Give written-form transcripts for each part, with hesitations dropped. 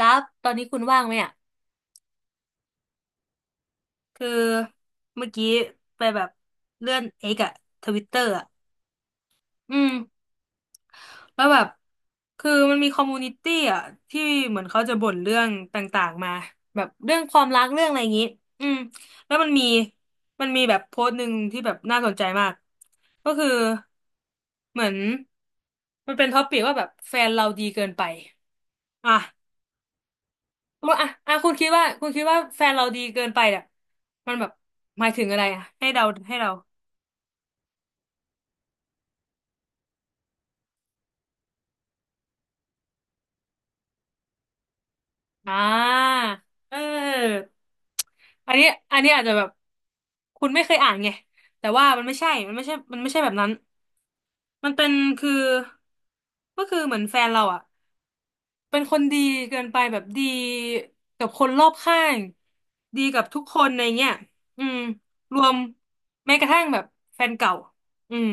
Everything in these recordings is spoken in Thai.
ดับตอนนี้คุณว่างไหมอ่ะคือเมื่อกี้ไปแบบเลื่อนเอกอะทวิตเตอร์อะอืมแล้วแบบคือมันมีคอมมูนิตี้อะที่เหมือนเขาจะบ่นเรื่องต่างๆมาแบบเรื่องความรักเรื่องอะไรอย่างงี้อืมแล้วมันมีแบบโพสต์หนึ่งที่แบบน่าสนใจมากก็คือเหมือนมันเป็นท็อปิกว่าแบบแฟนเราดีเกินไปอ่ะ ว่าอ่ะคุณคิดว่าแฟนเราดีเกินไปอ่ะมันแบบหมายถึงอะไรอ่ะให้เราให้เราอ่าเอออันนี้อาจจะแบบคุณไม่เคยอ่านไงแต่ว่ามันไม่ใช่แบบนั้นมันเป็นคือก็คือเหมือนแฟนเราอ่ะเป็นคนดีเกินไปแบบดีกับคนรอบข้างดีกับทุกคนในเงี้ยอืมรวมแม้กระทั่งแบบแฟนเก่าอืม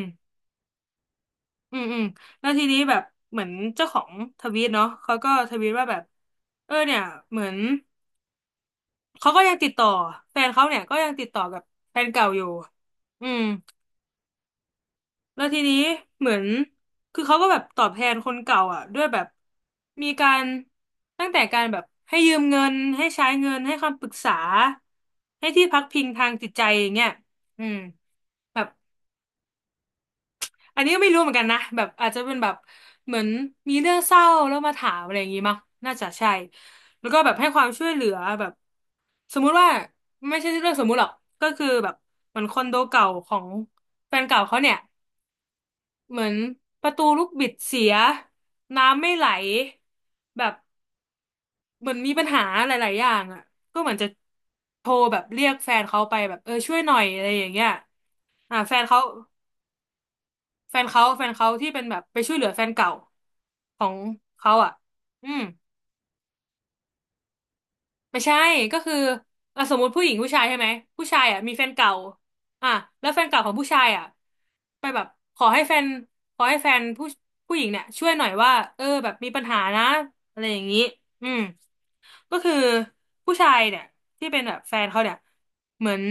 อืมแล้วทีนี้แบบเหมือนเจ้าของทวีตเนาะเขาก็ทวีตว่าแบบเออเนี่ยเหมือนเขาก็ยังติดต่อแฟนเขาเนี่ยก็ยังติดต่อกับแฟนเก่าอยู่อืมแล้วทีนี้เหมือนคือเขาก็แบบตอบแทนคนเก่าอ่ะด้วยแบบมีการตั้งแต่การแบบให้ยืมเงินให้ใช้เงินให้คำปรึกษาให้ที่พักพิงทางจิตใจอย่างเงี้ยอืมแบบ อันนี้ก็ไม่รู้เหมือนกันนะแบบอาจจะเป็นแบบเหมือนมีเรื่องเศร้าแล้วมาถามอะไรอย่างงี้มั้งน่าจะใช่แล้วก็แบบให้ความช่วยเหลือแบบสมมุติว่าไม่ใช่เรื่องสมมุติหรอกก็คือแบบเหมือนคอนโดเก่าของแฟนเก่าเขาเนี่ยเหมือนประตูลูกบิดเสียน้ำไม่ไหลแบบเหมือนมีปัญหาหลายๆอย่างอ่ะก็เหมือนจะโทรแบบเรียกแฟนเขาไปแบบเออช่วยหน่อยอะไรอย่างเงี้ยอ่าแฟนเขา แฟนเขาที่เป็นแบบไปช่วยเหลือแฟนเก่าของเขาอ่ะอืมไม่ใช่ก็คืออ่ะสมมุติผู้หญิงผู้ชายใช่ไหมผู้ชายอ่ะมีแฟนเก่าอ่ะแล้วแฟนเก่าของผู้ชายอ่ะไปแบบขอให้แฟนผู้หญิงเนี่ยช่วยหน่อยว่าเออแบบมีปัญหานะอะไรอย่างนี้อืมก็คือผู้ชายเนี่ยที่เป็นแบบแฟนเขาเนี่ยเหมือน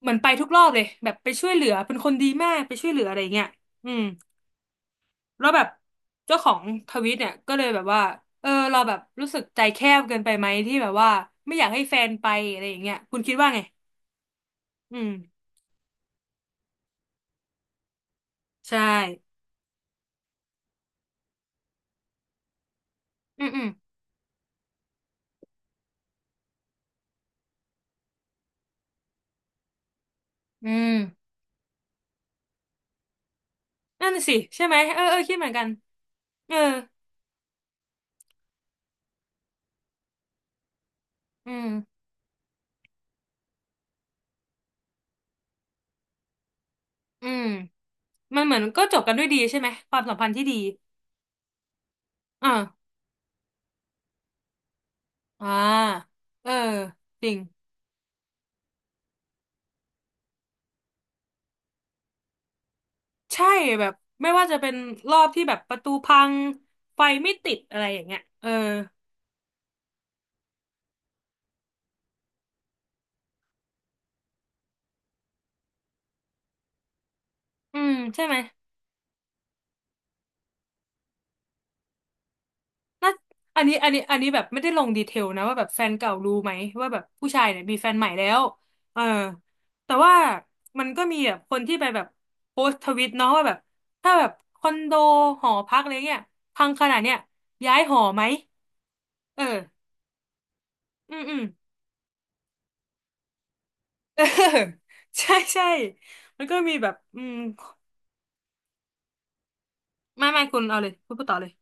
ไปทุกรอบเลยแบบไปช่วยเหลือเป็นคนดีมากไปช่วยเหลืออะไรอย่างเงี้ยอืม แล้วแบบเจ้าของทวิตเนี่ยก็เลยแบบว่าเออเราแบบรู้สึกใจแคบเกินไปไหมที่แบบว่าไม่อยากให้แฟนไปอะไรอย่างเงี้ยคุณคิดว่าไงอืมใช่อืมอืมนั่นน่ะสิใช่ไหมเออคิดเหมือนกันเอออืมอืมมันเหมือนก็จบกันด้วยดีใช่ไหมความสัมพันธ์ที่ดีอ่าอ่าเออจริงใช่แบบไม่ว่าจะเป็นรอบที่แบบประตูพังไฟไม่ติดอะไรอย่างเงี้ยเอออืมใช่ไหม น่าอันนี้แบบไม่ได้ลงดีเทลนะ ว่าแบบแฟนเก่ารู้ไหมว่าแบบผู้ชายเนี่ยมีแฟนใหม่แล้วเออแต่ว่ามันก็มีแบบคนที่ไป แบบโพสต์ทวิตเนาะว่าแบบถ้าแบบคอนโดหอพักอะไรเงี้ยพังขนาดเนี้ยย้ายหอไหมเอออืมอืมเออ ใช่มันก็มีแบบอืมไม่คุณเอาเลยคุณพูดต่อเลย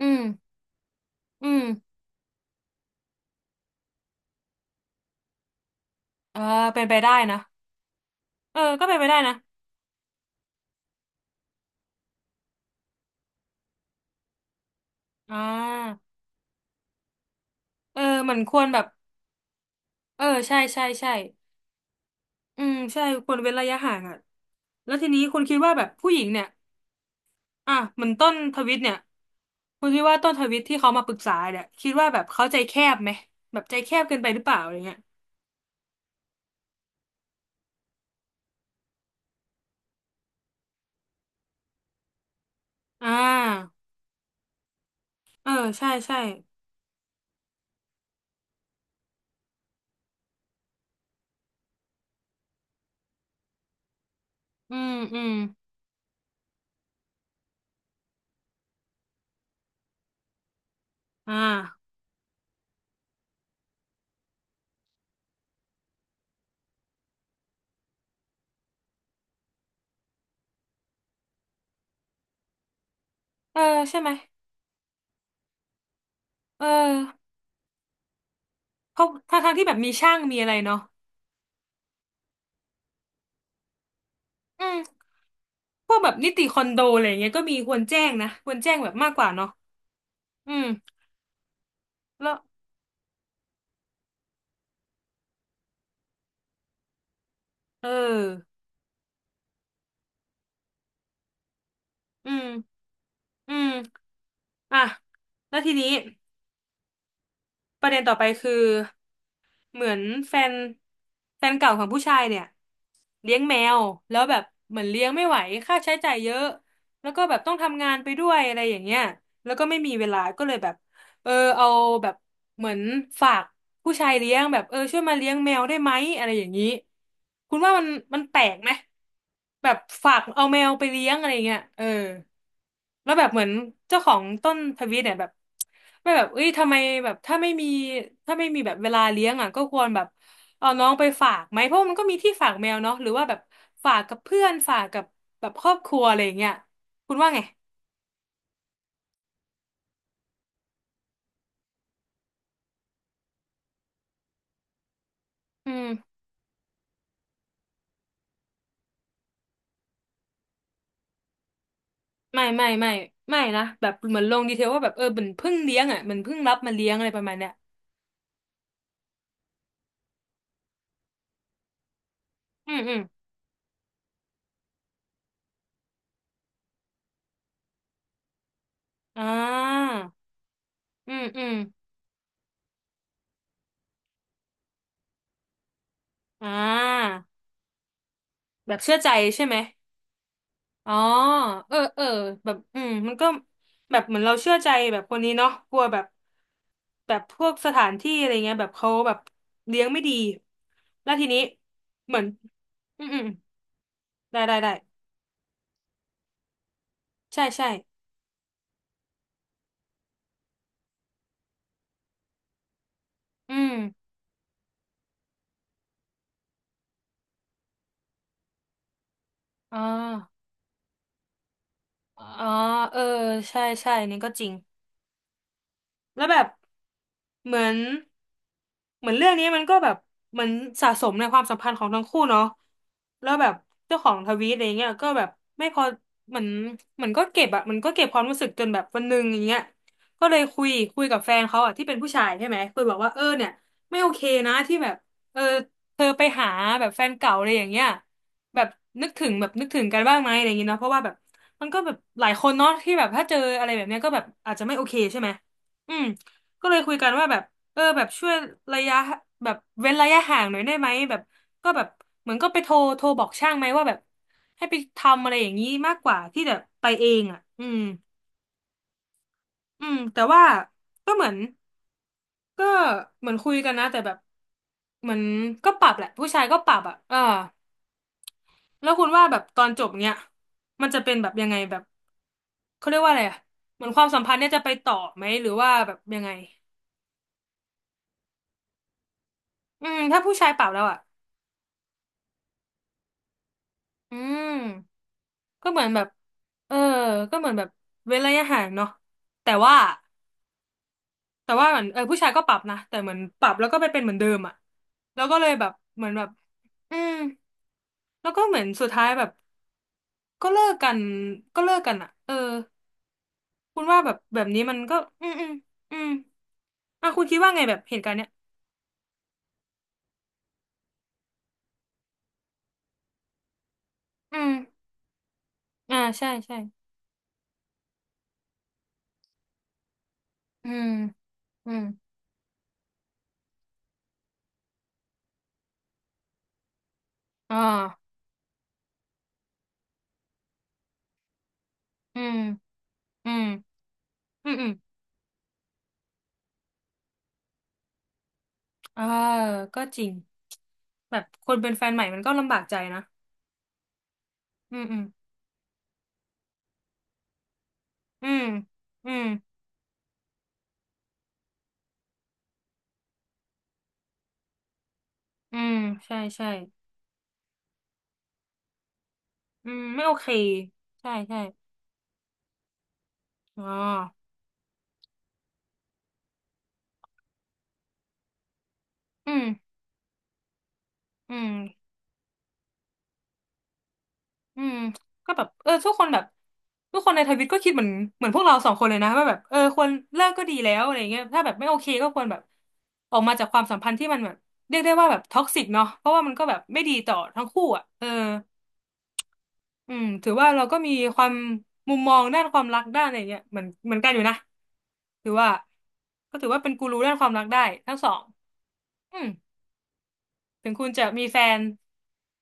อืมอืมเออเป็นไปได้นะเออก็เป็นไปได้นะอ่าเออมันควรแบบเออใช่อืมใช่ควรเว้นระยะห่างอ่ะแล้วทีนี้คุณคิดว่าแบบผู้หญิงเนี่ยอ่ะเหมือนต้นทวิตเนี่ยคุณคิดว่าต้นทวิตที่เขามาปรึกษาเนี่ยคิดว่าแบบเขาใจแคบไหมแบบใจแคบเกินไปหรือเปล่าอะไรเงี้ยอ่าเออใช่อืมอืมอ่าเออใช่ไหมเออเพราะทางทางๆที่แบบมีช่างมีอะไรเนาะอืมพวกแบบนิติคอนโดอะไรอย่างเงี้ยก็มีควรแจ้งนะควรแจ้งแบบมากกว่าเนาะอืมแล้วเอออืมอืมอ่ะแล้วทีนี้ ประเด็นต่อไปคือเหมือนแฟนเก่าของผู้ชายเนี่ยเลี้ยงแมวแล้วแบบเหมือนเลี้ยงไม่ไหวค่าใช้จ่ายเยอะแล้วก็แบบต้องทำงานไปด้วยอะไรอย่างเงี้ยแล้วก็ไม่มีเวลาก็เลยแบบเออเอาแบบเหมือนฝากผู้ชายเลี้ยงแบบเออช่วยมาเลี้ยงแมวได้ไหมอะไรอย่างนี้คุณว่ามันแปลกไหมแบบฝากเอาแมวไปเลี้ยงอะไรเงี้ยเออ แล้วแบบเหมือนเจ้าของต้นทวีตเนี่ยแบบไม่แบบเอ้ยทำไมแบบถ้าไม่มีแบบเวลาเลี้ยงอ่ะก็ควรแบบเอาน้องไปฝากไหมเพราะมันก็มีที่ฝากแมวเนาะหรือว่าแบบฝากกับเพื่อนฝากกับแบบครอบครัวอะไรอย่างเงี้ยคุณว่าไงอืมไม่ไม่ไม่ไม่นะแบบเหมือนลงดีเทลว่าแบบเออเหมือนเพิ่งเลี้ยงอ่ะเหมือนเพิ่งรับมาเลี้ยงอะไรประมาณเนี้ยอืมอืมอ่าอืมอืมอ่าแบบเชื่อใจใช่ไหม อ๋อเออเออแบบอืมมันก็แบบเหมือนเราเชื่อใจแบบคนนี้เนาะกลัวแบบพวกสถานที่อะไรเงี้ยแบบเขาแบบเลี้ยงไม่ดีแล้วทีนี้เหมือนอืมอืมได้ได้ได้ใช่ใช่อืมอ๋ออ๋อเออใช่ใช่นี่ก็จริง แล้วแบบเหมือนเรื่องนี้มันก็แบบเหมือนสะสมในความสัมพันธ์ของทั้งคู่เนาะแล้วแบบเจ้าของทวีตอะไรเงี้ยก็แบบไม่พอเหมือนก็เก็บอะมันก็เก็บความรู้สึกจนแบบวันหนึ่งอย่างเงี้ยก็เลยคุยกับแฟนเขาอะที่เป็นผู้ชายใช่ไหมคุยบอกว่าเออเนี่ยไม่โอเคนะที่แบบเออเธอไปหาแบบแฟนเก่าอะไรอย่างเงี้ยแบบนึกถึงแบบนึกถึงกันบ้างไหมอะไรอย่างเงี้ยเนาะเพราะว่าแบบมันก็แบบหลายคนเนาะที่แบบถ้าเจออะไรแบบเนี้ยก็แบบอาจจะไม่โอเคใช่ไหม อืมก็เลยคุยกันว่าแบบเออแบบช่วยระยะแบบเว้นระยะห่างหน่อยได้ไหมแบบก็แบบเหมือนก็ไปโทรบอกช่างไหมว่าแบบให้ไปทำอะไรอย่างนี้มากกว่าที่แบบไปเองอ่ะอืมอืมแต่ว่าก็เหมือนก็คุยกันนะแต่แบบเหมือนก็ปรับแหละผู้ชายก็ปรับอ่ะเออแล้วคุณว่าแบบตอนจบเนี้ยมันจะเป็นแบบยังไงแบบเขาเรียกว่าอะไรอ่ะเหมือนความสัมพันธ์เนี่ยจะไปต่อไหมหรือว่าแบบยังไงอืมถ้าผู้ชายปรับแล้วอ่ะอืม ก็เหมือนแบบเออก็เหมือนแบบเว้นระยะห่างเนาะแต่ว่าเหมือนเออผู้ชายก็ปรับนะแต่เหมือนปรับแล้วก็ไปเป็นเหมือนเดิมอ่ะแล้วก็เลยแบบเหมือนแบบอืมแล้วก็เหมือนสุดท้ายแบบก็เลิกกันก็เลิกกันอ่ะเออคุณว่าแบบนี้มันก็อืมอืมอืมอ่ะคุณคิดว่าไงแบบเหตุการณ์เนี้ยอืมอ่าใช่ใช่อืมอืมอ่าอืมอืมอืมอืม อ่าก็จริงแบบคนเป็นแฟนใหม่มันก็ลำบากใจนะอืมอืมอืมอืมอืมใช่ใช่อืมไม่โอเคใช่ใช่อ๋ออืมอืมอืมก็แบบเออทุกคนแบบทุกคนในทวิตก็คิดเหมือนพวกเราสองคนเลยนะว่าแบบเออควรเลิกก็ดีแล้วอะไรเงี้ยถ้าแบบไม่โอเคก็ควรแบบออกมาจากความสัมพันธ์ที่มันแบบเรียกได้ว่าแบบท็อกซิกเนาะเพราะว่ามันก็แบบไม่ดีต่อทั้งคู่อ่ะเออ อืมถือว่าเราก็มีความมุมมองด้านความรักด้านอะไรเงี้ยเหมือนกันอยู่นะถือว่าก็ถือว่าเป็นกูรูด้านความรักได้ทั้งสองอืมถึงคุณจะมีแฟน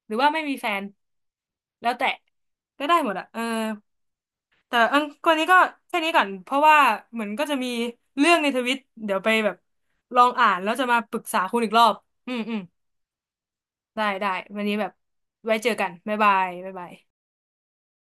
หรือว่าไม่มีแฟนแล้วแต่ก็ได้หมดอะเออแต่อันคนนี้ก็แค่นี้ก่อนเพราะว่าเหมือนก็จะมีเรื่องในทวิตเดี๋ยวไปแบบลองอ่านแล้วจะมาปรึกษาคุณอีกรอบอืมอืมได้ได้วันนี้แบบไว้เจอกันบ๊ายบาย